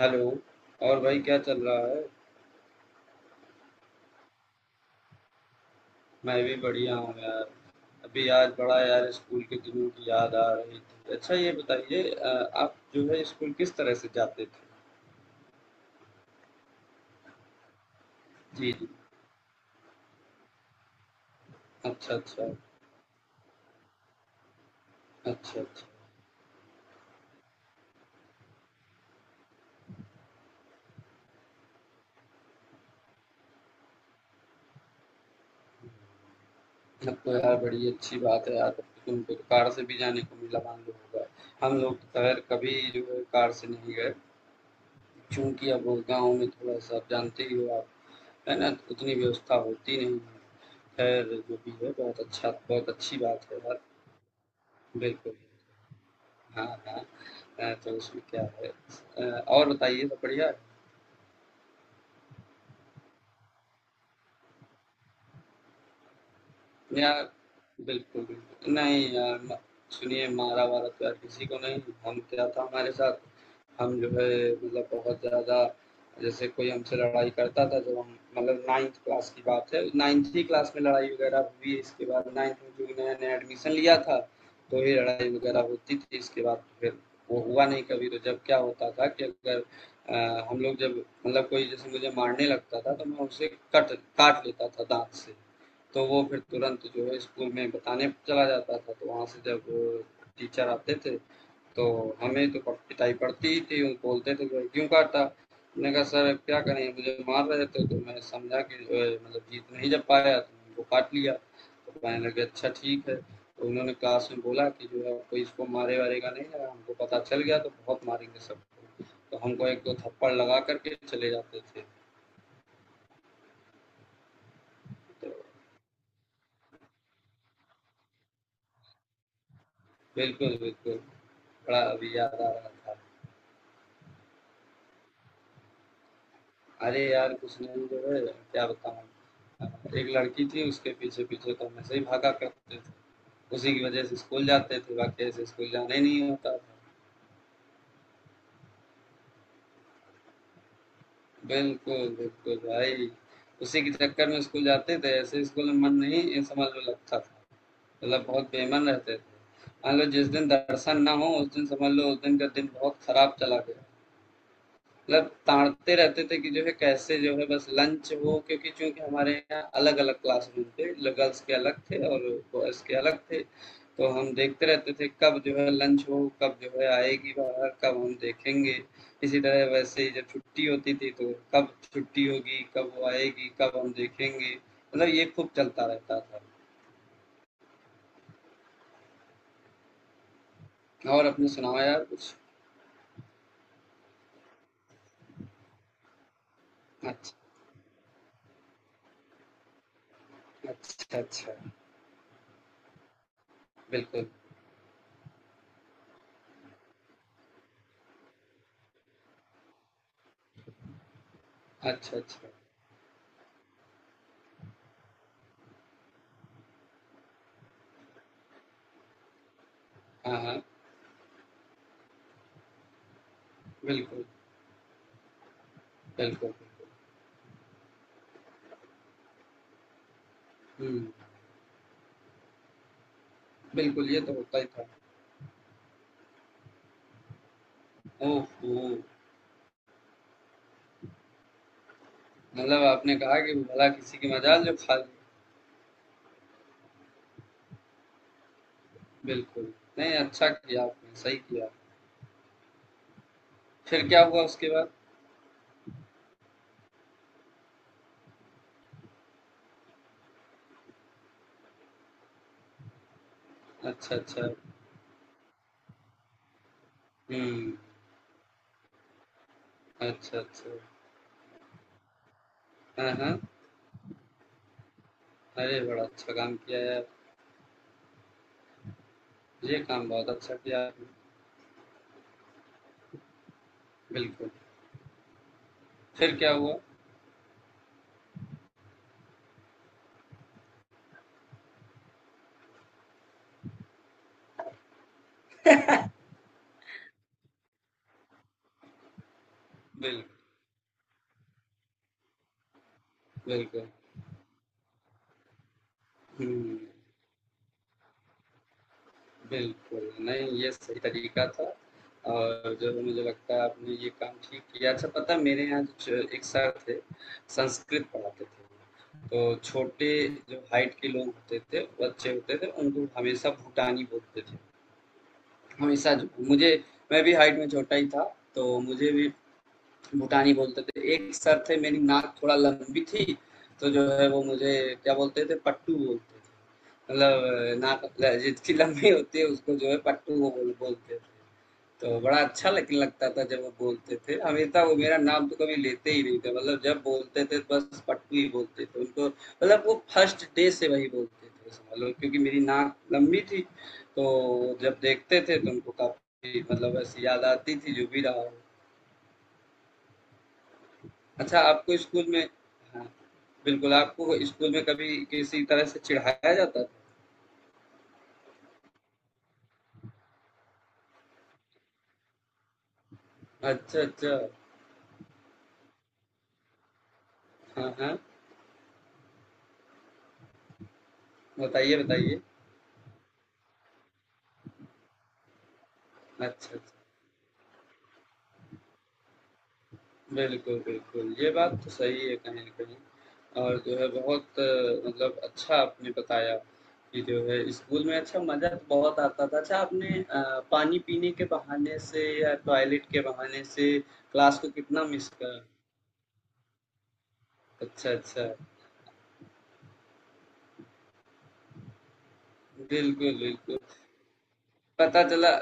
Hello. और भाई क्या चल रहा है। मैं भी बढ़िया हूँ यार। अभी आज बड़ा यार स्कूल के दिनों की याद आ रही थी। अच्छा ये बताइए, आप जो है स्कूल किस तरह से जाते थे। जी जी। अच्छा अच्छा। अच्छा अच्छा। अब तो यार बड़ी अच्छी बात है यार, अब तो तुमको तो कार से भी जाने को मिला, मान लो होगा। हम लोग तो खैर कभी जो है कार से नहीं गए, क्योंकि अब वो गाँव में थोड़ा सा, आप जानते ही हो आप, है ना, उतनी व्यवस्था होती नहीं है। खैर जो भी है, बहुत अच्छा, बहुत अच्छी बात है यार। बिल्कुल। हाँ, हाँ। तो उसमें क्या है। और बताइए सब बढ़िया है? यार बिल्कुल, बिल्कुल। नहीं यार, म सुनिए, मारा-वारा तो यार किसी को नहीं। हम क्या, था हमारे साथ, हम जो है मतलब बहुत ज़्यादा जैसे कोई हमसे लड़ाई करता था, जब हम मतलब 9th क्लास की बात है, 9th ही क्लास में लड़ाई वगैरह हुई, इसके बाद 9th में चूँकि नया-नया एडमिशन लिया था, तो ये लड़ाई वगैरह होती थी। इसके बाद तो फिर वो हुआ नहीं कभी। तो जब क्या होता था कि अगर हम लोग जब मतलब कोई जैसे मुझे मारने लगता था, तो मैं उसे कट काट लेता था दाँत से। तो वो फिर तुरंत जो है स्कूल में बताने चला जाता था, तो वहाँ से जब टीचर आते थे तो हमें तो पिटाई पड़ती ही थी। वो बोलते थे भाई क्यों काटा, मैंने कहा सर अब क्या करें, मुझे मार रहे थे तो मैं समझा कि जो है मतलब जीत नहीं जब पाया तो उनको काट लिया। तो कहने लगे अच्छा ठीक है, तो उन्होंने क्लास में बोला कि जो है कोई इसको मारे वारेगा नहीं, अगर हमको पता चल गया तो बहुत मारेंगे सबको। तो हमको एक दो थप्पड़ लगा करके चले जाते थे। तो बिल्कुल बिल्कुल, बड़ा अभी याद आ रहा था। अरे यार कुछ नहीं जो है, क्या बताऊँ। एक लड़की थी, उसके पीछे पीछे तो हम ऐसे ही भागा करते थे। उसी की वजह से स्कूल जाते थे, बाकी ऐसे स्कूल जाना ही नहीं होता था। बिल्कुल बिल्कुल भाई, उसी के चक्कर में स्कूल जाते थे, ऐसे स्कूल में मन नहीं, ये समझ लो, लगता था। मतलब बहुत बेमन रहते थे। मान लो जिस दिन दर्शन ना हो उस दिन समझ लो उस दिन का दिन बहुत खराब चला गया। मतलब ताड़ते रहते थे कि जो है कैसे, जो है बस लंच हो, क्योंकि चूंकि हमारे यहाँ अलग अलग क्लासरूम थे, गर्ल्स के अलग थे और बॉयज के अलग थे। तो हम देखते रहते थे कब जो है लंच हो, कब जो है आएगी बाहर, कब हम देखेंगे। इसी तरह वैसे ही जब छुट्टी होती थी, तो कब छुट्टी होगी, कब वो आएगी, कब हम देखेंगे। मतलब ये खूब चलता रहता था। और अपने सुनाओ यार कुछ। अच्छा। अच्छा अच्छा। बिल्कुल। अच्छा अच्छा। हाँ हाँ। बिल्कुल बिल्कुल। बिल्कुल। हम्म। बिल्कुल, ये तो होता ही था। ओहो! मतलब आपने कहा कि भला किसी की मजाल जो खा ले। बिल्कुल। नहीं, अच्छा किया आपने, सही किया। फिर क्या हुआ उसके बाद? अच्छा, अच्छा। हुँ। अच्छा, अच्छा। हाँ, हाँ। अरे! बड़ा अच्छा काम किया यार। ये काम बहुत अच्छा किया आपने। बिल्कुल। फिर क्या हुआ? बिल्कुल, बिल्कुल। हुँ। बिल्कुल, नहीं ये सही तरीका था। और जो है मुझे लगता है आपने ये काम ठीक किया। अच्छा पता है मेरे यहाँ जो एक सर थे, संस्कृत पढ़ाते थे। तो छोटे जो हाइट के लोग होते थे, बच्चे होते थे, उनको हमेशा भूटानी बोलते थे। हमेशा जो मुझे, मैं भी हाइट में छोटा ही था, तो मुझे भी भूटानी बोलते थे। एक सर थे, मेरी नाक थोड़ा लंबी थी, तो जो है वो मुझे क्या बोलते थे, पट्टू बोलते थे। मतलब नाक जिसकी लंबी होती है उसको जो है पट्टू वो बोलते थे। तो बड़ा अच्छा लगता था जब वो बोलते थे। हमेशा वो मेरा नाम तो कभी लेते ही नहीं थे, मतलब जब बोलते थे बस पट्टू ही बोलते थे उनको। मतलब वो फर्स्ट डे से वही बोलते थे समझ लो, क्योंकि मेरी नाक लंबी थी तो जब देखते थे तो उनको काफी मतलब ऐसी याद आती थी, जो भी रहा हो। अच्छा, आपको स्कूल में, हाँ, बिल्कुल, आपको स्कूल में कभी किसी तरह से चिढ़ाया जाता था? अच्छा, अच्छा। हाँ, हाँ। बताइए, बताइए। अच्छा, अच्छा। बिल्कुल, बिल्कुल। ये बात तो सही है कहीं न कहीं। और जो है बहुत मतलब अच्छा आपने बताया कि जो है स्कूल में अच्छा मज़ा तो बहुत आता था। अच्छा आपने पानी पीने के बहाने से या टॉयलेट के बहाने से क्लास को कितना मिस करा? अच्छा, अच्छा। बिल्कुल, बिल्कुल। पता चला,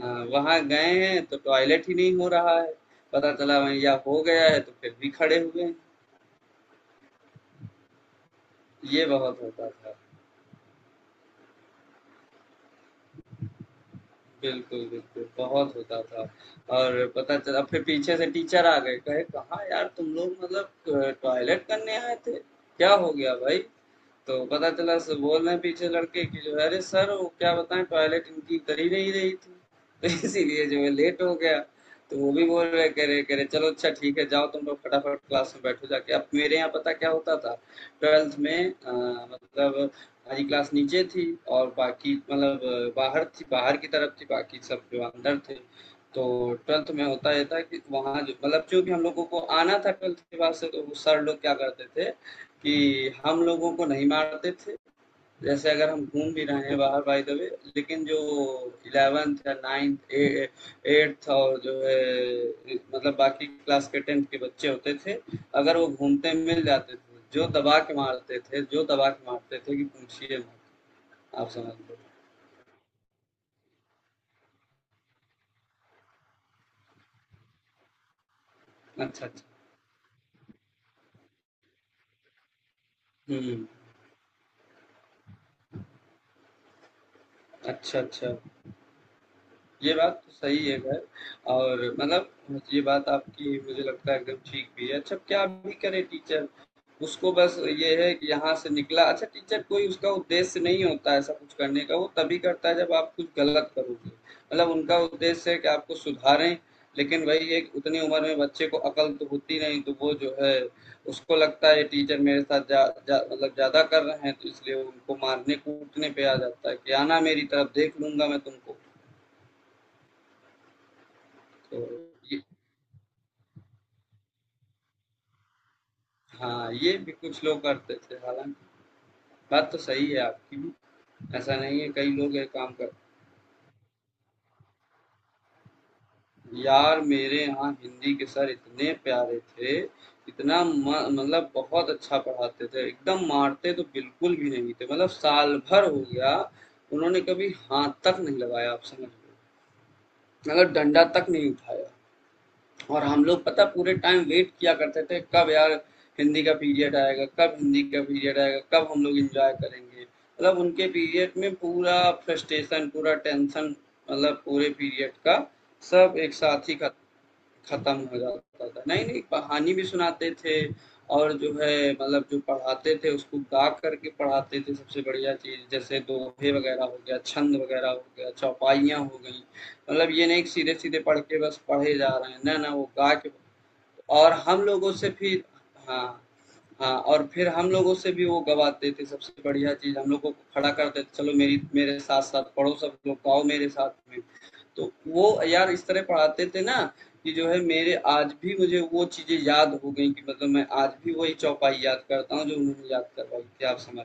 हाँ, वहाँ गए हैं तो टॉयलेट ही नहीं हो रहा है। पता चला वहीं या हो गया है तो फिर भी खड़े हुए हैं। ये बहुत होता था। बिल्कुल, बिल्कुल, बहुत होता था। और पता चला फिर पीछे से टीचर आ गए, कहे कहाँ यार तुम लोग, मतलब टॉयलेट करने आए थे? क्या हो गया भाई? तो पता चला स बोल रहे हैं पीछे लड़के कि जो है अरे सर वो क्या बताएँ टॉयलेट इनकी कर ही नहीं रही थी, तो इसीलिए जो है लेट हो गया। तो वो भी बोल रहे, कह रहे चलो अच्छा ठीक है जाओ तुम लोग फटाफट क्लास में बैठो जाके। अब मेरे यहाँ पता क्या होता था? ट्वेल्थ में, मतलब हमारी क्लास नीचे थी और बाकी मतलब बाहर थी, बाहर की तरफ थी, बाकी सब जो अंदर थे। तो ट्वेल्थ में होता ये था कि वहाँ जो मतलब चूंकि हम लोगों को आना था ट्वेल्थ के बाद से, तो वो सर लोग क्या करते थे कि हम लोगों को नहीं मारते थे। जैसे अगर हम घूम भी रहे हैं बाहर बाय द वे, लेकिन जो 11th या 9th ए 8th और जो है मतलब बाकी क्लास के 10th के बच्चे होते थे, अगर वो घूमते मिल जाते थे, जो दबा के मारते थे जो दबा के मारते थे कि पूछिए मत, आप समझ लो। अच्छा, अच्छा। हुँ, अच्छा, अच्छा। ये बात तो सही है खैर। और मतलब ये बात आपकी मुझे लगता है एकदम ठीक भी है। अच्छा क्या भी करे टीचर, उसको बस ये है कि यहाँ से निकला अच्छा टीचर, कोई उसका उद्देश्य नहीं होता ऐसा कुछ करने का, वो तभी करता है जब आप कुछ गलत करोगे। मतलब उनका उद्देश्य है कि आपको सुधारें, लेकिन वही है कि उतनी उम्र में बच्चे को अकल तो होती नहीं, तो वो जो है उसको लगता है टीचर मेरे साथ जा जा मतलब ज़्यादा कर रहे हैं, तो इसलिए वो उनको मारने-कूटने पे आ जाता है कि आना मेरी तरफ देख लूँगा मैं तुमको। तो ये हाँ, ये भी कुछ लोग करते थे, हालांकि बात तो सही है आपकी भी। ऐसा नहीं है, कई लोग ये काम कर, यार मेरे यहाँ हिंदी के सर इतने प्यारे थे, इतना मतलब बहुत अच्छा पढ़ाते थे, एकदम मारते तो बिल्कुल भी नहीं थे। मतलब साल भर हो गया, उन्होंने कभी हाथ तक नहीं लगाया, आप समझ लो, मतलब डंडा तक नहीं उठाया। और हम लोग पता पूरे टाइम वेट किया करते थे कब यार हिंदी का पीरियड आएगा कब हिंदी का पीरियड आएगा कब हम लोग एंजॉय करेंगे। मतलब उनके पीरियड में पूरा फ्रस्ट्रेशन, पूरा टेंशन, मतलब पूरे पीरियड का सब एक साथ ही खत्म खत्म हो जाता था। नहीं नहीं कहानी भी सुनाते थे और जो है मतलब जो पढ़ाते थे उसको गा करके पढ़ाते थे। सबसे बढ़िया चीज, जैसे दोहे वगैरह हो गया, छंद वगैरह हो गया, चौपाइयाँ हो गई। मतलब ये नहीं कि सीधे सीधे पढ़ के बस पढ़े जा रहे हैं, ना ना, वो गा के। और हम लोगों से फिर, हाँ, हाँ और फिर हम लोगों से भी वो गवाते थे। सबसे बढ़िया चीज़, हम लोगों को खड़ा करते थे, चलो मेरी, मेरे साथ-साथ पढ़ो सब लोग, आओ मेरे साथ में। तो वो यार इस तरह पढ़ाते थे ना, कि जो है मेरे आज भी मुझे वो चीज़ें याद हो गई, कि मतलब मैं आज भी वही चौपाई याद करता हूँ जो उन्होंने याद करवाई थी, आप समझ,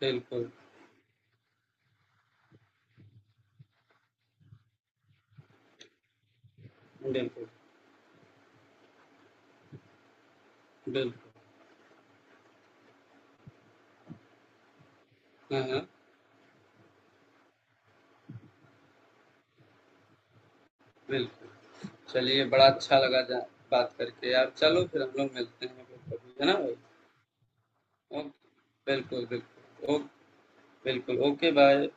बिल्कुल, बिल्कुल, बिल्कुल। हाँ, हाँ, बिल्कुल। चलिए बड़ा अच्छा लगा जा बात करके यार। चलो फिर हम लोग मिलते हैं कभी, है ना भाई? ओके, बिल्कुल बिल्कुल ओके, बिल्कुल ओके बाय।